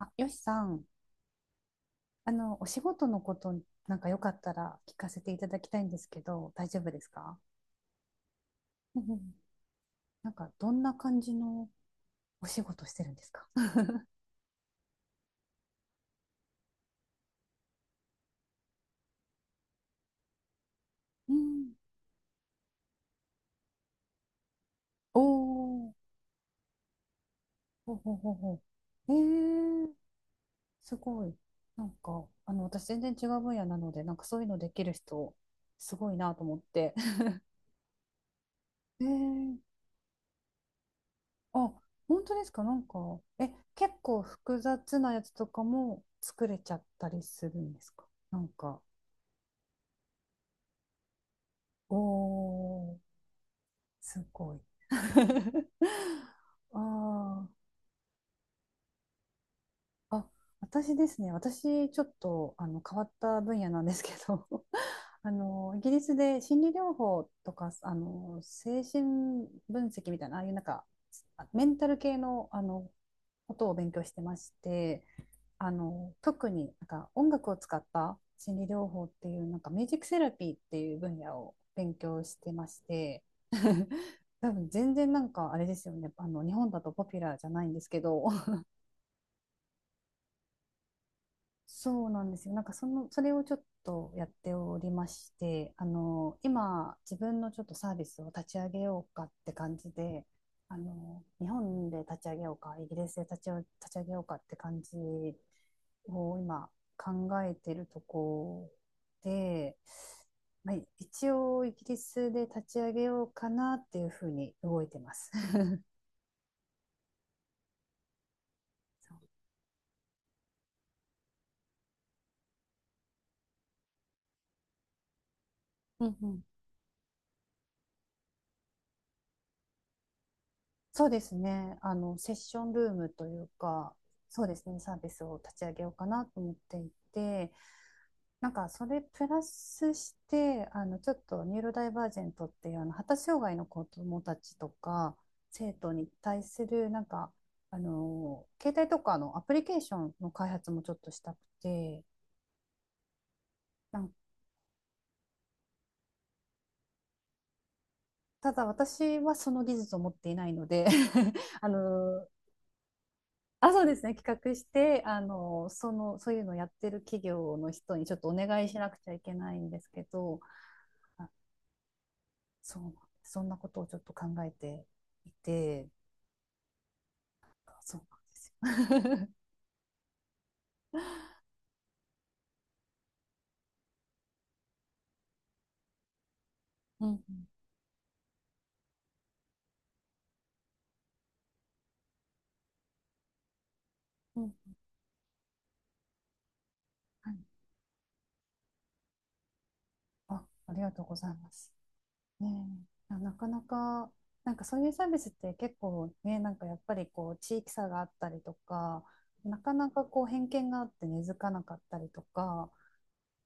あ、よしさん、お仕事のこと、なんかよかったら聞かせていただきたいんですけど、大丈夫ですか？うんうん。なんか、どんな感じのお仕事してるんですか？うん。おー、ほうほうほうほう。えー、すごい。なんか、私全然違う分野なので、なんかそういうのできる人、すごいなと思って。えー、あ、本当ですか？なんか、え、結構複雑なやつとかも作れちゃったりするんですか？なんか。おー、すごい。あー、あ、私ですね、私ちょっと変わった分野なんですけど、 イギリスで心理療法とか精神分析みたいな、ああいうなんか、あ、メンタル系の、ことを勉強してまして、特になんか音楽を使った心理療法っていう、なんかミュージックセラピーっていう分野を勉強してまして、 多分全然なんかあれですよね、日本だとポピュラーじゃないんですけど。 そうなんですよ。なんかその、それをちょっとやっておりまして、今自分のちょっとサービスを立ち上げようかって感じで、日本で立ち上げようかイギリスで立ち上げようかって感じを今考えてるとこで、まあ、一応イギリスで立ち上げようかなっていうふうに動いてます。 そう。うんうん。そうですね。セッションルームというか、そうですね、サービスを立ち上げようかなと思っていて、なんかそれプラスしてちょっとニューロダイバージェントっていう、発達障害の子どもたちとか生徒に対するなんか、携帯とかのアプリケーションの開発もちょっとしたくて、なんただ私はその技術を持っていないので、 あのあ、そうですね、企画して、その、そういうのをやってる企業の人にちょっとお願いしなくちゃいけないんですけど、そう、そんなことをちょっと考えていて。そうなんですよ。うんうんうん。はい。あ、ありがとうございます。ねえ、いや、なかなか、なんかそういうサービスって結構ね、なんかやっぱりこう地域差があったりとか、なかなかこう偏見があって根付かなかったりとか、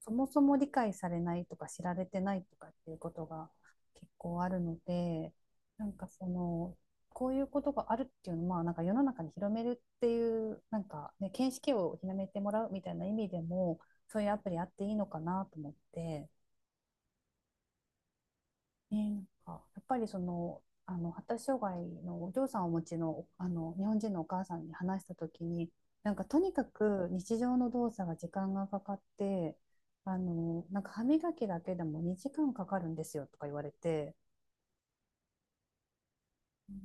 そもそも理解されないとか知られてないとかっていうことが結構あるので、なんかその、こういうことがあるっていうのは、まあなんか世の中に広めるっていう、なんかね、見識を広めてもらうみたいな意味でも、そういうアプリあっていいのかなと思って、ね、なんかやっぱりその、発達障害のお嬢さんをお持ちの、日本人のお母さんに話した時に、なんかとにかく日常の動作が時間がかかって、なんか歯磨きだけでも2時間かかるんですよとか言われて、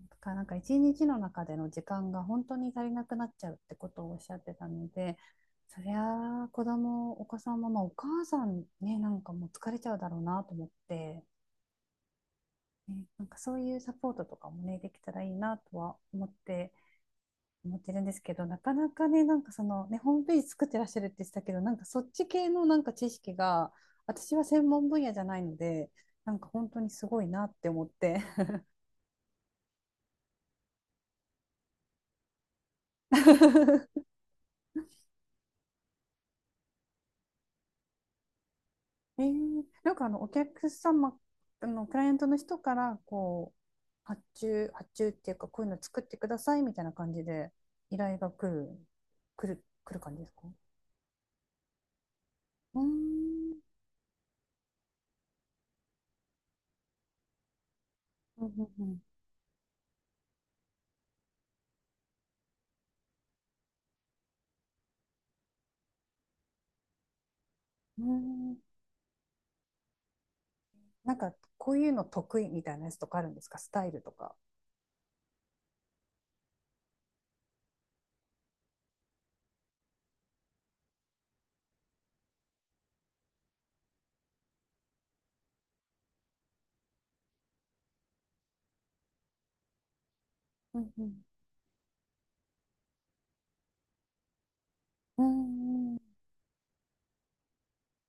だからなんか一日の中での時間が本当に足りなくなっちゃうってことをおっしゃってたので、そりゃあお子さんも、まあ、お母さんね、なんかもう疲れちゃうだろうなと思って。ね、なんかそういうサポートとかもね、できたらいいなとは思ってるんですけど、なかなかね、なんかそのね、ホームページ作ってらっしゃるって言ってたけど、なんかそっち系のなんか知識が、私は専門分野じゃないので、なんか本当にすごいなって思って。えー、なんかあのお客様、あのクライアントの人からこう発注っていうか、こういうの作ってくださいみたいな感じで依頼が来る、来る、来る感じですか？うーん、うんうんうん。うーん、なんかこういうの得意みたいなやつとかあるんですか？スタイルとか。うんうん。うーん。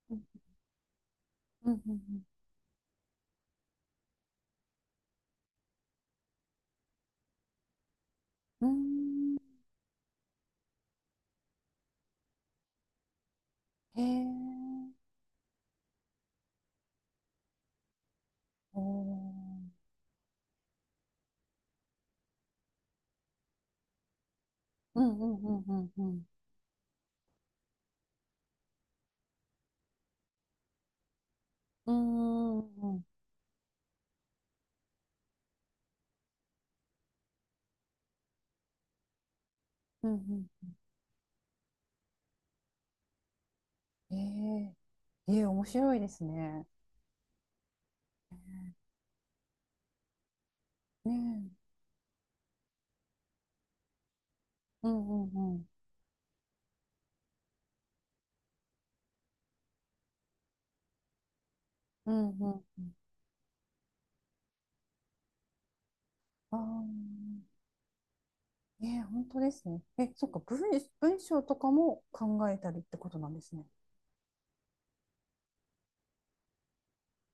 うんうんうん。うーん、へえ。おー。うんうんうんうんうん。うーん。うんうんうん。へえ。ええ、面白いですね。ねえ。うんうんうんうんうんうん。ああ。ねえ、え本当ですね。え、そっか、文章とかも考えたりってことなんですね。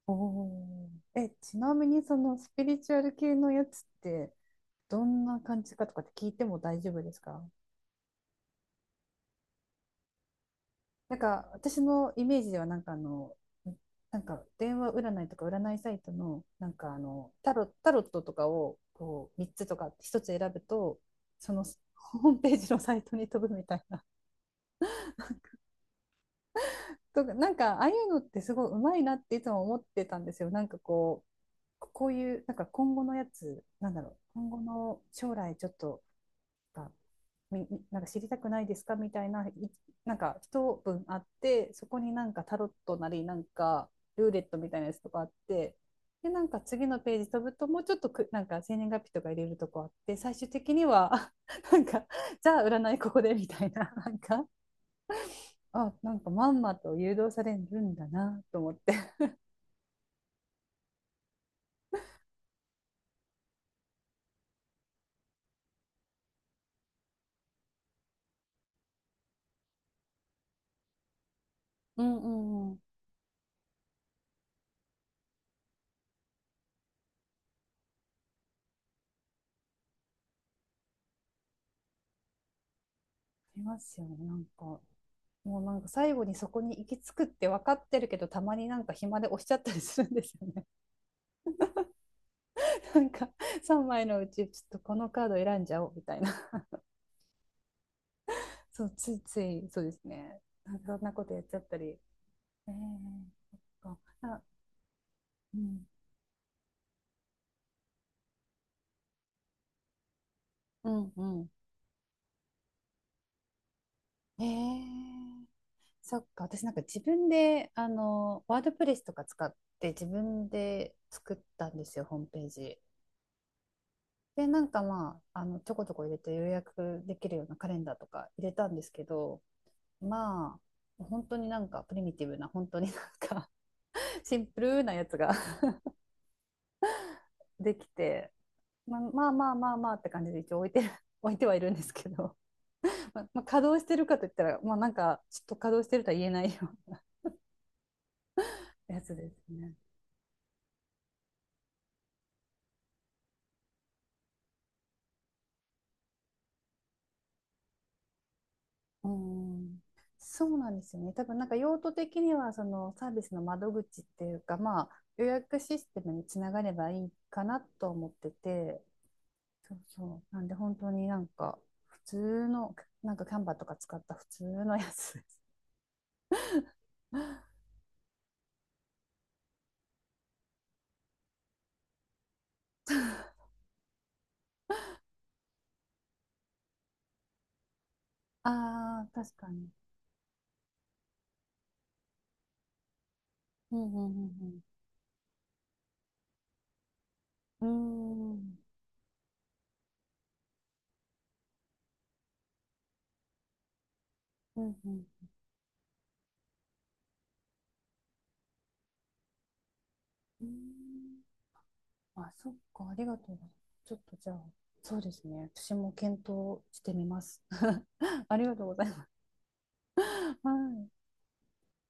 おー、え、ちなみにそのスピリチュアル系のやつってどんな感じかとかって聞いても大丈夫ですか？なんか私のイメージではなんかあの、なんか電話占いとか占いサイトのなんかあのタロットとかをこう3つとか1つ選ぶと、そのホームページのサイトに飛ぶみたいな。とか、なんかああいうのってすごいうまいなっていつも思ってたんですよ。なんかこう、こういうなんか今後のやつ、なんだろう、今後の将来ちょっと、か、みなんか知りたくないですかみたいな、なんか一文あって、そこになんかタロットなりなんかルーレットみたいなやつとかあって、でなんか次のページ飛ぶと、もうちょっと、く、なんか生年月日とか入れるとこあって、最終的には、あ、 なんか、じゃあ占いここでみたいな。 なんか、あ、なんかまんまと誘導されるんだなと思って。うんうんうん。ありますよね、なんか。もうなんか最後にそこに行き着くって分かってるけど、たまになんか暇で押しちゃったりするんですよね。 なんか3枚のうちちょっとこのカード選んじゃおうみたいな。 そう、ついつい、そうですね、なんかそんなことやっちゃったり、えー、そっかあ。うんうんうん。えー、そっか、私なんか自分でワードプレスとか使って自分で作ったんですよ、ホームページ。でなんか、まああの、ちょこちょこ入れて予約できるようなカレンダーとか入れたんですけど、まあ本当になんかプリミティブな、本当になんか、 シンプルなやつができて、まあ、まあまあまあまあって感じで一応置いて 置いてはいるんですけど、まあ、まあ稼働してるかといったら、まあ、なんかちょっと稼働してるとは言えないようなやつですね。うーん、そうなんですよね。多分なんか用途的にはそのサービスの窓口っていうか、まあ、予約システムにつながればいいかなと思ってて、そうそう。なんで本当になんか普通の、なんかキャンバーとか使った普通のやつです。ああ、確かに。うんうんうんうん。うーん、うん、うん。うーん、あ、そっか、ありがとうございます。ちょっとじゃあ、そうですね、私も検討してみます。ありがとうございます。はい。